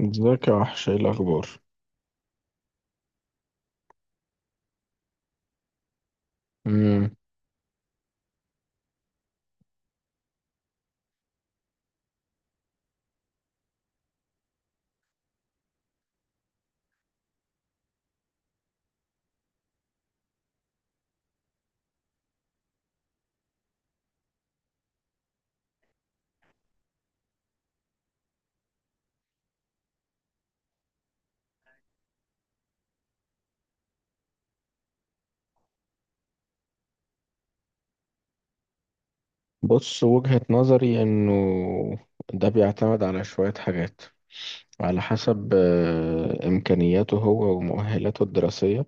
ازيك يا وحش، ايه الاخبار؟ امم بص، وجهة نظري انه ده بيعتمد على شوية حاجات، على حسب امكانياته هو ومؤهلاته الدراسية.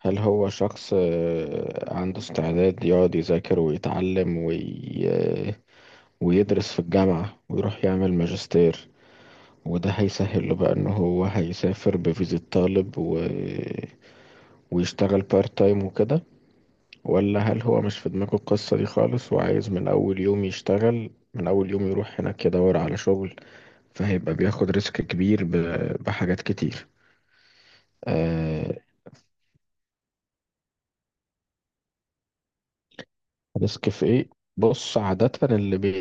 هل هو شخص عنده استعداد يقعد يذاكر ويتعلم وي... آه، ويدرس في الجامعة ويروح يعمل ماجستير، وده هيسهل له بقى ان هو هيسافر بفيزا طالب ويشتغل بارت تايم وكده، ولا هل هو مش في دماغه القصة دي خالص وعايز من أول يوم يشتغل، من أول يوم يروح هناك يدور على شغل، فهيبقى بياخد ريسك كبير بحاجات كتير. آه، ريسك في إيه؟ بص، عادة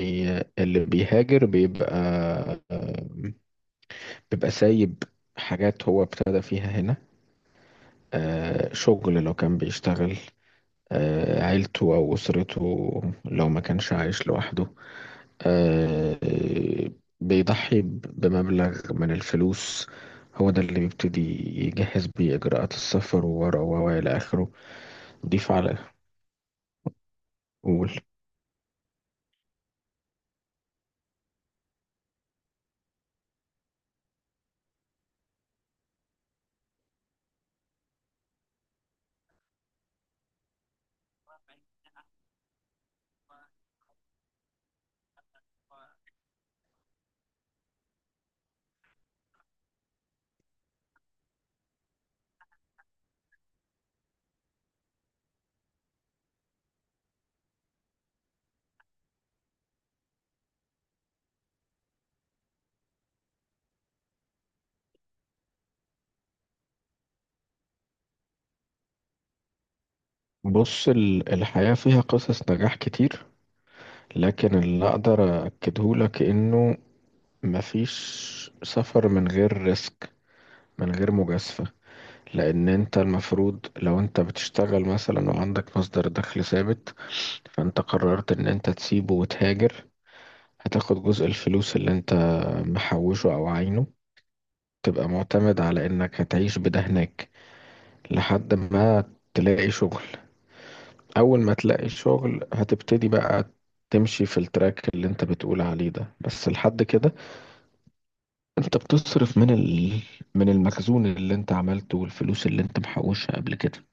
اللي بيهاجر بيبقى، آه، بيبقى سايب حاجات هو ابتدى فيها هنا. آه، شغل لو كان بيشتغل، آه عيلته أو أسرته لو ما كانش عايش لوحده، آه، بيضحي بمبلغ من الفلوس هو ده اللي بيبتدي يجهز بيه إجراءات السفر وورقه و إلى آخره. ضيف على، قول. بص، الحياة فيها قصص نجاح كتير، لكن اللي أقدر أكدهولك إنه مفيش سفر من غير ريسك، من غير مجازفة. لأن أنت المفروض لو أنت بتشتغل مثلا وعندك مصدر دخل ثابت، فأنت قررت إن أنت تسيبه وتهاجر، هتاخد جزء الفلوس اللي انت محوشه او عينه، تبقى معتمد على انك هتعيش بده هناك لحد ما تلاقي شغل. اول ما تلاقي شغل هتبتدي بقى تمشي في التراك اللي انت بتقول عليه ده، بس لحد كده انت بتصرف من من المخزون اللي انت عملته والفلوس اللي انت محوشها قبل كده.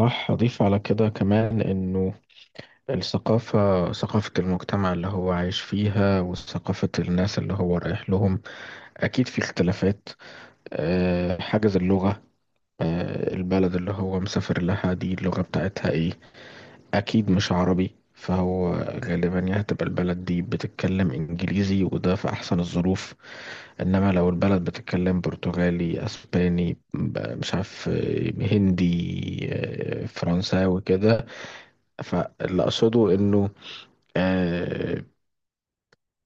صح، اضيف على كده كمان انه الثقافة، ثقافة المجتمع اللي هو عايش فيها وثقافة الناس اللي هو رايح لهم، اكيد في اختلافات. حاجز اللغة، البلد اللي هو مسافر لها دي اللغة بتاعتها ايه؟ اكيد مش عربي، فهو غالبا يا هتبقى البلد دي بتتكلم انجليزي وده في احسن الظروف، انما لو البلد بتتكلم برتغالي، اسباني، مش عارف، هندي، فرنساوي كده. فاللي اقصده انه آه،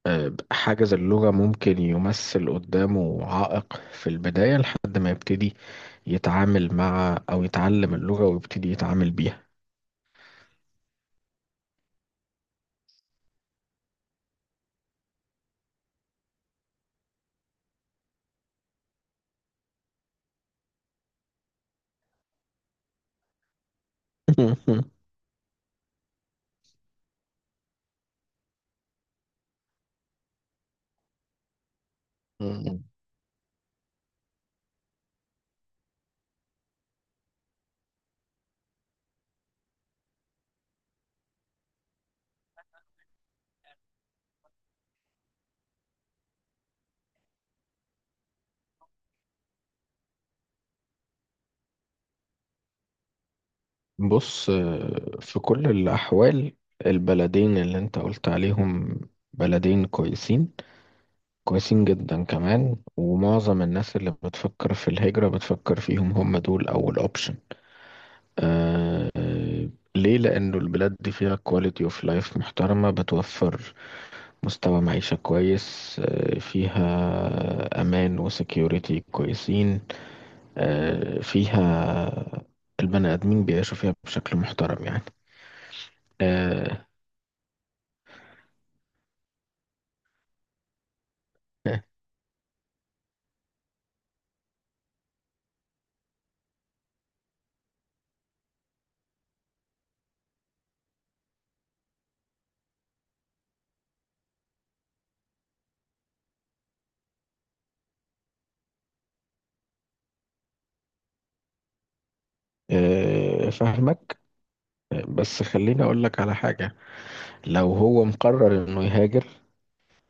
حاجز اللغة ممكن يمثل قدامه عائق في البداية لحد ما يبتدي يتعامل مع أو يتعلم اللغة ويبتدي يتعامل بيها. بص، في كل الأحوال البلدين اللي أنت قلت عليهم بلدين كويسين، كويسين جدا كمان، ومعظم الناس اللي بتفكر في الهجرة بتفكر فيهم، هم دول أول أوبشن. آه آه، ليه؟ لأنه البلاد دي فيها كواليتي اوف لايف محترمة، بتوفر مستوى معيشة كويس، فيها أمان وسكيورتي كويسين، فيها البني آدمين بيعيشوا فيها بشكل محترم يعني. آه، فاهمك. بس خليني أقول لك على حاجة. لو هو مقرر إنه يهاجر،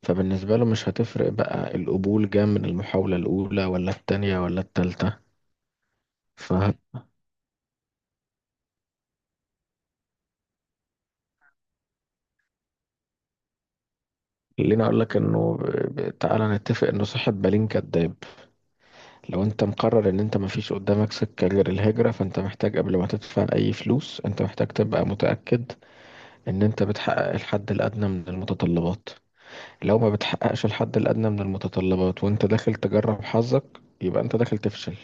فبالنسبة له مش هتفرق بقى القبول جه من المحاولة الأولى ولا التانية ولا التالتة. فخليني أقول لك إنه تعالى نتفق إنه صاحب بالين كداب. لو أنت مقرر إن أنت مفيش قدامك سكة غير الهجرة، فأنت محتاج قبل ما تدفع أي فلوس أنت محتاج تبقى متأكد ان انت بتحقق الحد الادنى من المتطلبات. لو ما بتحققش الحد الادنى من المتطلبات وانت داخل تجرب حظك، يبقى انت داخل تفشل.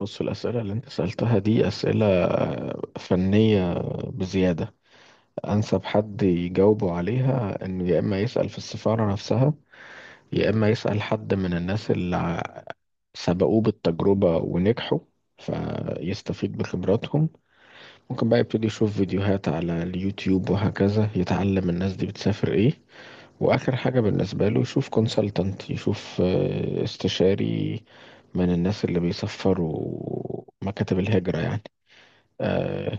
بص، الاسئله اللي انت سالتها دي اسئله فنيه بزياده. انسب حد يجاوبه عليها انه يا اما يسال في السفاره نفسها، يا اما يسال حد من الناس سبقوه بالتجربه ونجحوا فيستفيد بخبراتهم. ممكن بقى يبتدي يشوف فيديوهات على اليوتيوب وهكذا يتعلم الناس دي بتسافر ايه. واخر حاجة بالنسبة له يشوف كونسلتنت، يشوف استشاري من الناس اللي بيسفروا مكاتب الهجرة يعني. آه.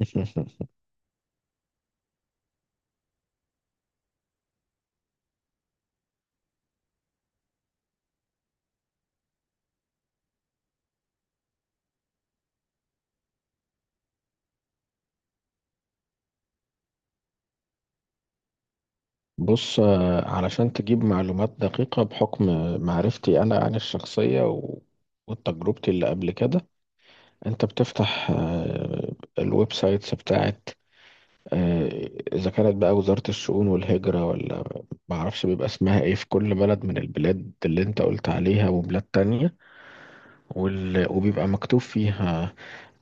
بص، علشان تجيب معلومات دقيقة بحكم معرفتي أنا عن الشخصية وتجربتي اللي قبل كده، أنت بتفتح الويب سايتس بتاعت آه، إذا كانت بقى وزارة الشؤون والهجرة ولا معرفش بيبقى اسمها إيه في كل بلد من البلاد اللي أنت قلت عليها وبلاد تانية، وبيبقى مكتوب فيها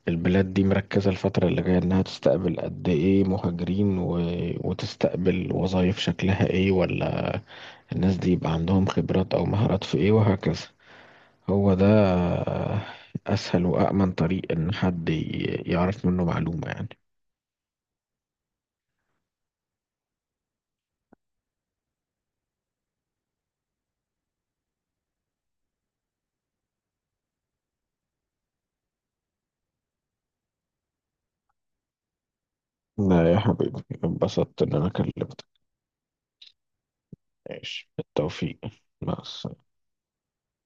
البلاد دي مركزة الفترة اللي جاية إنها تستقبل قد إيه مهاجرين وتستقبل وظائف شكلها إيه، ولا الناس دي يبقى عندهم خبرات أو مهارات في إيه وهكذا. هو ده أسهل وأأمن طريق إن حد يعرف منه معلومة يعني. لا يا حبيبي، انبسطت إن أنا كلمتك. ماشي، بالتوفيق. مع السلامة.